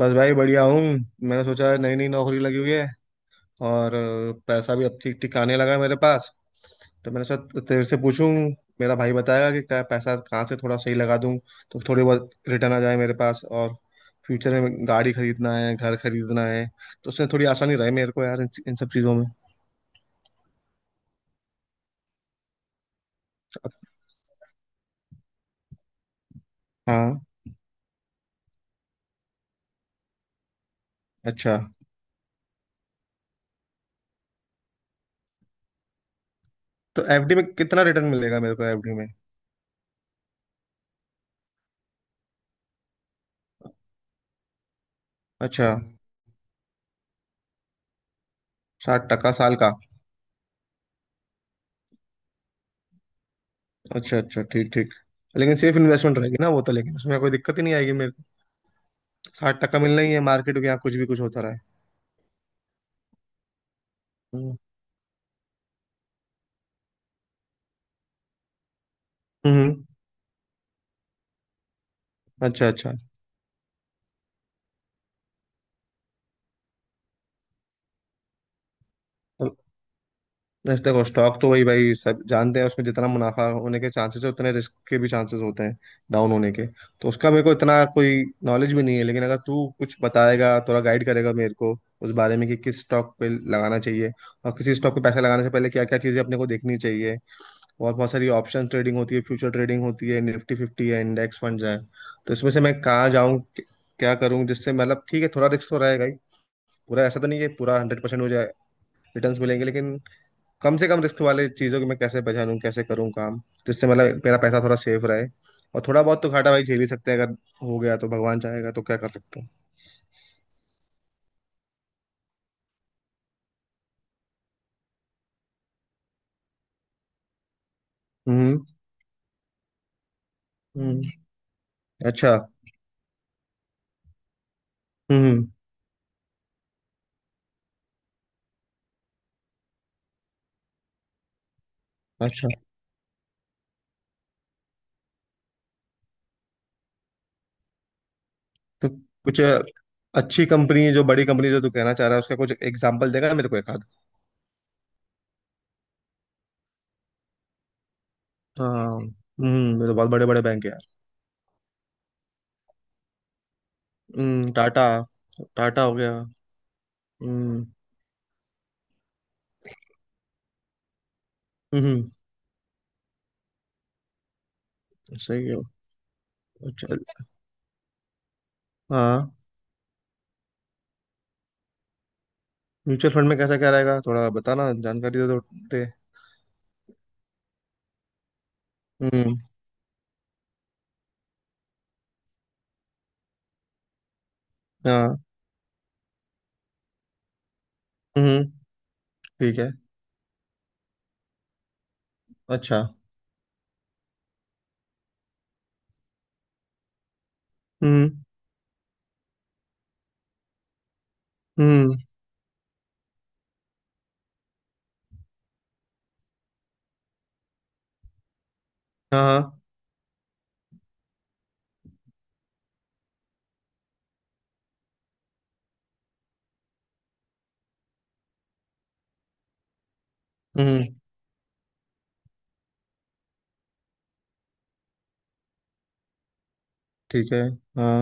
बस भाई बढ़िया हूँ। मैंने सोचा नई नई नौकरी लगी हुई है। और पैसा भी अब ठीक ठीक आने लगा है मेरे पास। तो मैंने सोचा तो तेरे से पूछूं। मेरा भाई बताएगा कि क्या पैसा कहाँ से थोड़ा सही लगा दूं। तो थोड़ी बहुत रिटर्न आ जाए मेरे पास। और फ्यूचर में गाड़ी खरीदना है, घर खरीदना है। तो उससे थोड़ी आसानी रहे मेरे को यार इन सब चीज़ों में। हाँ। अच्छा। तो एफडी में कितना रिटर्न मिलेगा मेरे को, एफडी में? अच्छा। 60 टका साल का? अच्छा अच्छा, ठीक ठीक। लेकिन सेफ इन्वेस्टमेंट रहेगी ना वो तो, लेकिन उसमें कोई दिक्कत ही नहीं आएगी। 60 टक्का मिलना ही है, मार्केट के यहाँ कुछ भी कुछ होता रहा है। हम्म। हम्म। अच्छा अच्छा। तो देखो, स्टॉक तो वही भाई सब जानते हैं, उसमें जितना मुनाफा होने के चांसेस है उतने रिस्क के भी चांसेस होते हैं, डाउन होने के। तो उसका मेरे को इतना कोई नॉलेज भी नहीं है, लेकिन अगर तू कुछ बताएगा, थोड़ा गाइड करेगा मेरे को उस बारे में कि किस स्टॉक पे लगाना चाहिए, और किसी स्टॉक पे पैसा लगाने से पहले क्या क्या चीजें अपने को देखनी चाहिए। और बहुत सारी ऑप्शन ट्रेडिंग होती है, फ्यूचर ट्रेडिंग होती है, निफ्टी फिफ्टी है, इंडेक्स फंड है। तो इसमें से मैं कहाँ जाऊँ, क्या करूँ, जिससे मतलब ठीक है, थोड़ा रिस्क तो रहेगा ही। पूरा ऐसा तो नहीं कि पूरा 100% हो जाए रिटर्न्स मिलेंगे, लेकिन कम से कम रिस्क वाले चीज़ों की मैं कैसे पहचानूँ, कैसे करूँ काम, जिससे मतलब मेरा पैसा थोड़ा सेफ रहे। और थोड़ा बहुत तो घाटा भाई झेल ही सकते हैं। अगर हो गया तो भगवान चाहेगा, तो क्या कर सकते हैं। हम्म। हम्म। अच्छा। हम्म। अच्छा, तो कुछ अच्छी कंपनी, जो बड़ी कंपनी जो तू कहना चाह रहा है, उसका कुछ एग्जाम्पल देगा मेरे को एक? हाँ। हम्म, ये तो बहुत बड़े बड़े बैंक है यार। हम्म, टाटा। टाटा हो गया। हम्म। हम्म। सही है। चल। हाँ। म्यूचुअल फंड में कैसा क्या रहेगा? थोड़ा बताना, जानकारी दे दो दे। हम्म। हाँ। हम्म। ठीक है। अच्छा। हम्म। हम्म। हाँ हाँ। हम्म। ठीक है। हाँ।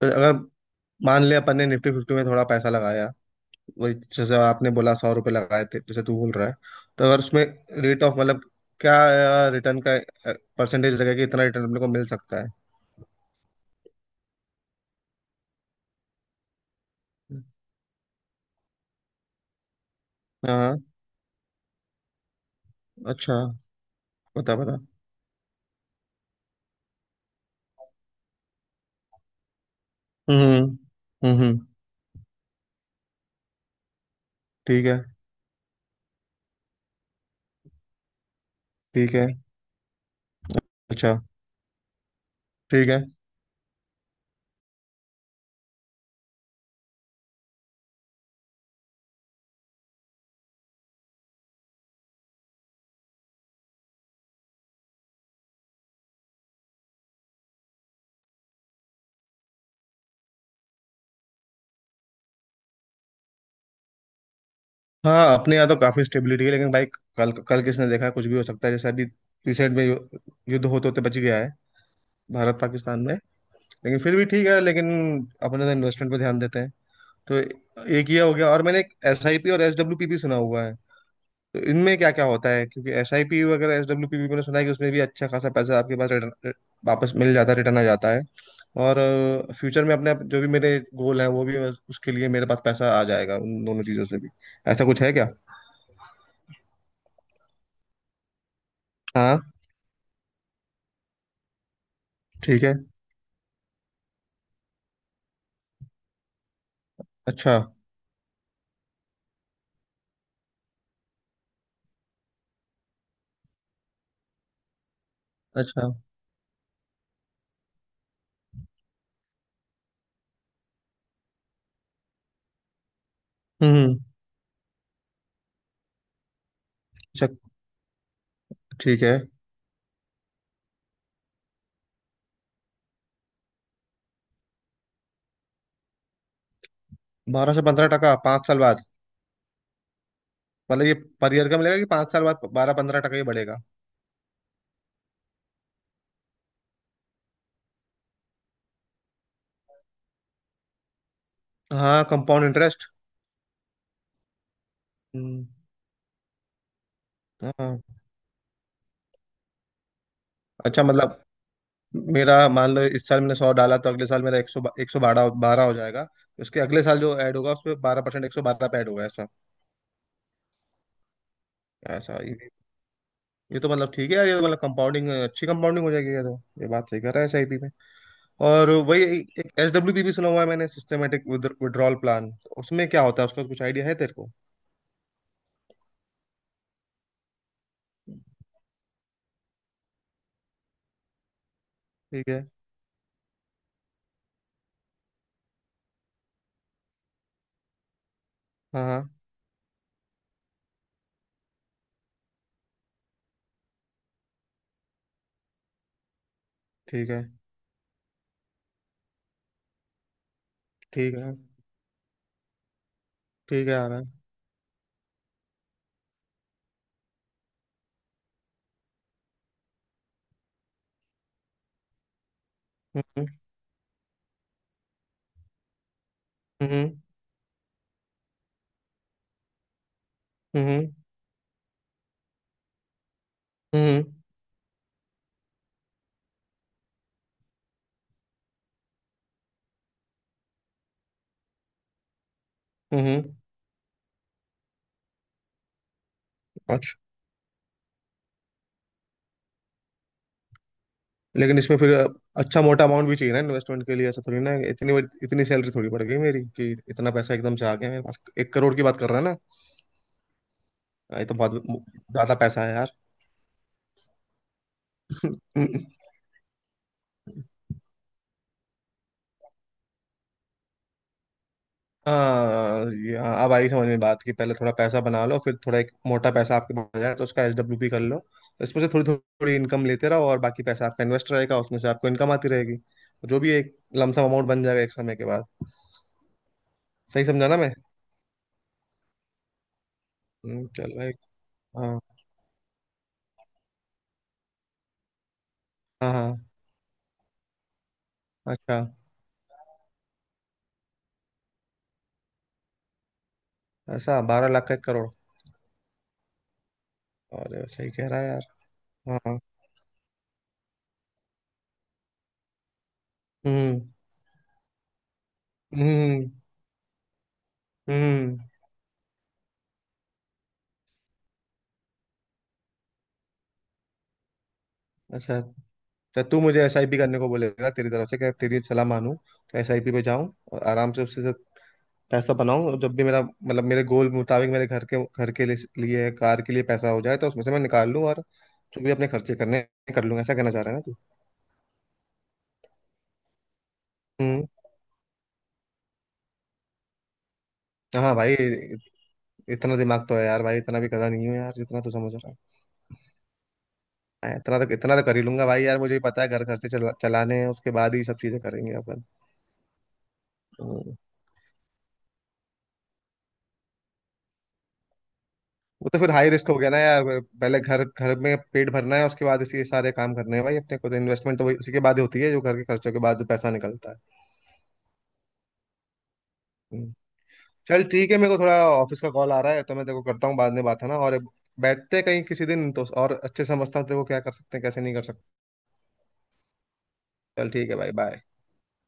तो अगर मान लिया अपन ने निफ्टी फिफ्टी में थोड़ा पैसा लगाया, वही जैसे आपने बोला ₹100 लगाए थे, जैसे तू बोल रहा है, तो अगर उसमें रेट ऑफ मतलब क्या, रिटर्न का परसेंटेज लगेगा कि इतना रिटर्न अपने को मिल सकता है? हाँ। अच्छा। बता बता। हम्म। हम्म। हम्म। ठीक है। ठीक है। अच्छा। ठीक है। हाँ, अपने यहाँ तो काफी स्टेबिलिटी है, लेकिन भाई कल कल किसने देखा है, कुछ भी हो सकता है। जैसे अभी रिसेंट में युद्ध होते होते बच गया है भारत पाकिस्तान में। लेकिन फिर भी ठीक है, लेकिन अपने तो इन्वेस्टमेंट पे ध्यान देते हैं। तो एक ये हो गया। और मैंने एसआईपी और एसडब्ल्यूपी भी सुना हुआ है। तो इनमें क्या क्या होता है? क्योंकि एसआईपी वगैरह एसडब्ल्यूपी भी मैंने सुना है कि उसमें भी अच्छा खासा पैसा आपके पास रिटर्न वापस मिल जाता है, रिटर्न आ जाता है। और फ्यूचर में अपने जो भी मेरे गोल है, वो भी बस उसके लिए मेरे पास पैसा आ जाएगा उन दोनों चीज़ों से भी। ऐसा कुछ है क्या? हाँ। ठीक है। अच्छा। अच्छा। हम्म। अच्छा। ठीक है। 12 से 15 टका 5 साल बाद? मतलब ये पर ईयर का मिलेगा, कि 5 साल बाद 12 15 टका ही बढ़ेगा? हाँ, कंपाउंड इंटरेस्ट। हाँ। अच्छा मतलब मेरा, मान लो इस साल मैंने 100 डाला तो अगले साल मेरा 100, 112 बारह हो जाएगा? उसके अगले साल जो ऐड होगा उस पर 12% 112 पे ऐड होगा, ऐसा? ऐसा ये? ये तो मतलब ठीक है यार, ये तो मतलब कंपाउंडिंग, अच्छी कंपाउंडिंग हो जाएगी ये तो। ये बात सही कर रहा है एसआईपी में। और वही एक एस डब्ल्यू बी भी सुना हुआ है मैंने, सिस्टमेटिक विड्रॉल प्लान। उसमें क्या होता है, उसका कुछ आइडिया है तेरे को? ठीक है। हाँ हाँ। ठीक है। ठीक है। ठीक है, आ रहा है। हम्म। हम्म। हम्म। हम्म। हम्म। हम्म। हम्म। लेकिन इसमें फिर अच्छा मोटा अमाउंट भी चाहिए ना इन्वेस्टमेंट के लिए। ऐसा थोड़ी ना इतनी सैलरी थोड़ी बढ़ गई मेरी कि इतना पैसा एकदम से आ गया मेरे पास। 1 करोड़ की बात कर रहा है ना? हाँ, ये तो बहुत ज्यादा पैसा है यार। हाँ हाँ, अब आई समझ में बात कि पहले थोड़ा पैसा बना लो, फिर थोड़ा एक मोटा पैसा आपके पास आ जाए तो उसका एसडब्ल्यूपी कर लो। तो इसमें से थोड़ी थोड़ी इनकम लेते रहो, और बाकी पैसा आपका इन्वेस्ट रहेगा, उसमें से आपको इनकम आती रहेगी। जो भी एक लमसम अमाउंट बन जाएगा एक समय के बाद। सही समझा ना मैं? चल भाई। हाँ। हाँ। हाँ। अच्छा। ऐसा 12 लाख का 1 करोड़? अरे सही कह रहा है यार। हाँ। हम्म। हम्म। हम्म। अच्छा, तो तू मुझे एसआईपी करने को बोलेगा? तेरी तरफ से क्या, तेरी सलाह मानूं तो एसआईपी पे जाऊं और आराम से उससे से पैसा बनाऊं। जब भी मेरा मतलब, मेरे गोल मुताबिक मेरे घर के लिए लिए, कार के लिए पैसा हो जाए तो उसमें से मैं निकाल लूं। और जो भी अपने खर्चे करने हैं, कर लूंगा, ऐसा कहना चाह रहा है ना तू? हम्म। हाँ भाई, इतना दिमाग तो है यार भाई, इतना भी गधा नहीं हूँ यार जितना तू समझ रहा है। हाँ, इतना तो कर ही लूंगा भाई यार, मुझे भी पता है घर खर्चे चलाने हैं, उसके बाद ही सब चीजें करेंगे अपन। हम्म। वो तो फिर हाई रिस्क हो गया ना यार। पहले घर घर में पेट भरना है, उसके बाद इसी सारे काम करने हैं भाई अपने को। तो इन्वेस्टमेंट तो उसी के बाद ही होती है, जो घर के खर्चों के बाद जो पैसा निकलता है। हम्म। चल ठीक है, मेरे को थोड़ा ऑफिस का कॉल आ रहा है, तो मैं तेरे को करता हूँ बाद में, बात है ना। और बैठते हैं कहीं किसी दिन तो, और अच्छे से समझता हूँ तेरे को क्या कर सकते हैं, कैसे नहीं कर सकते। चल ठीक है भाई, बाय।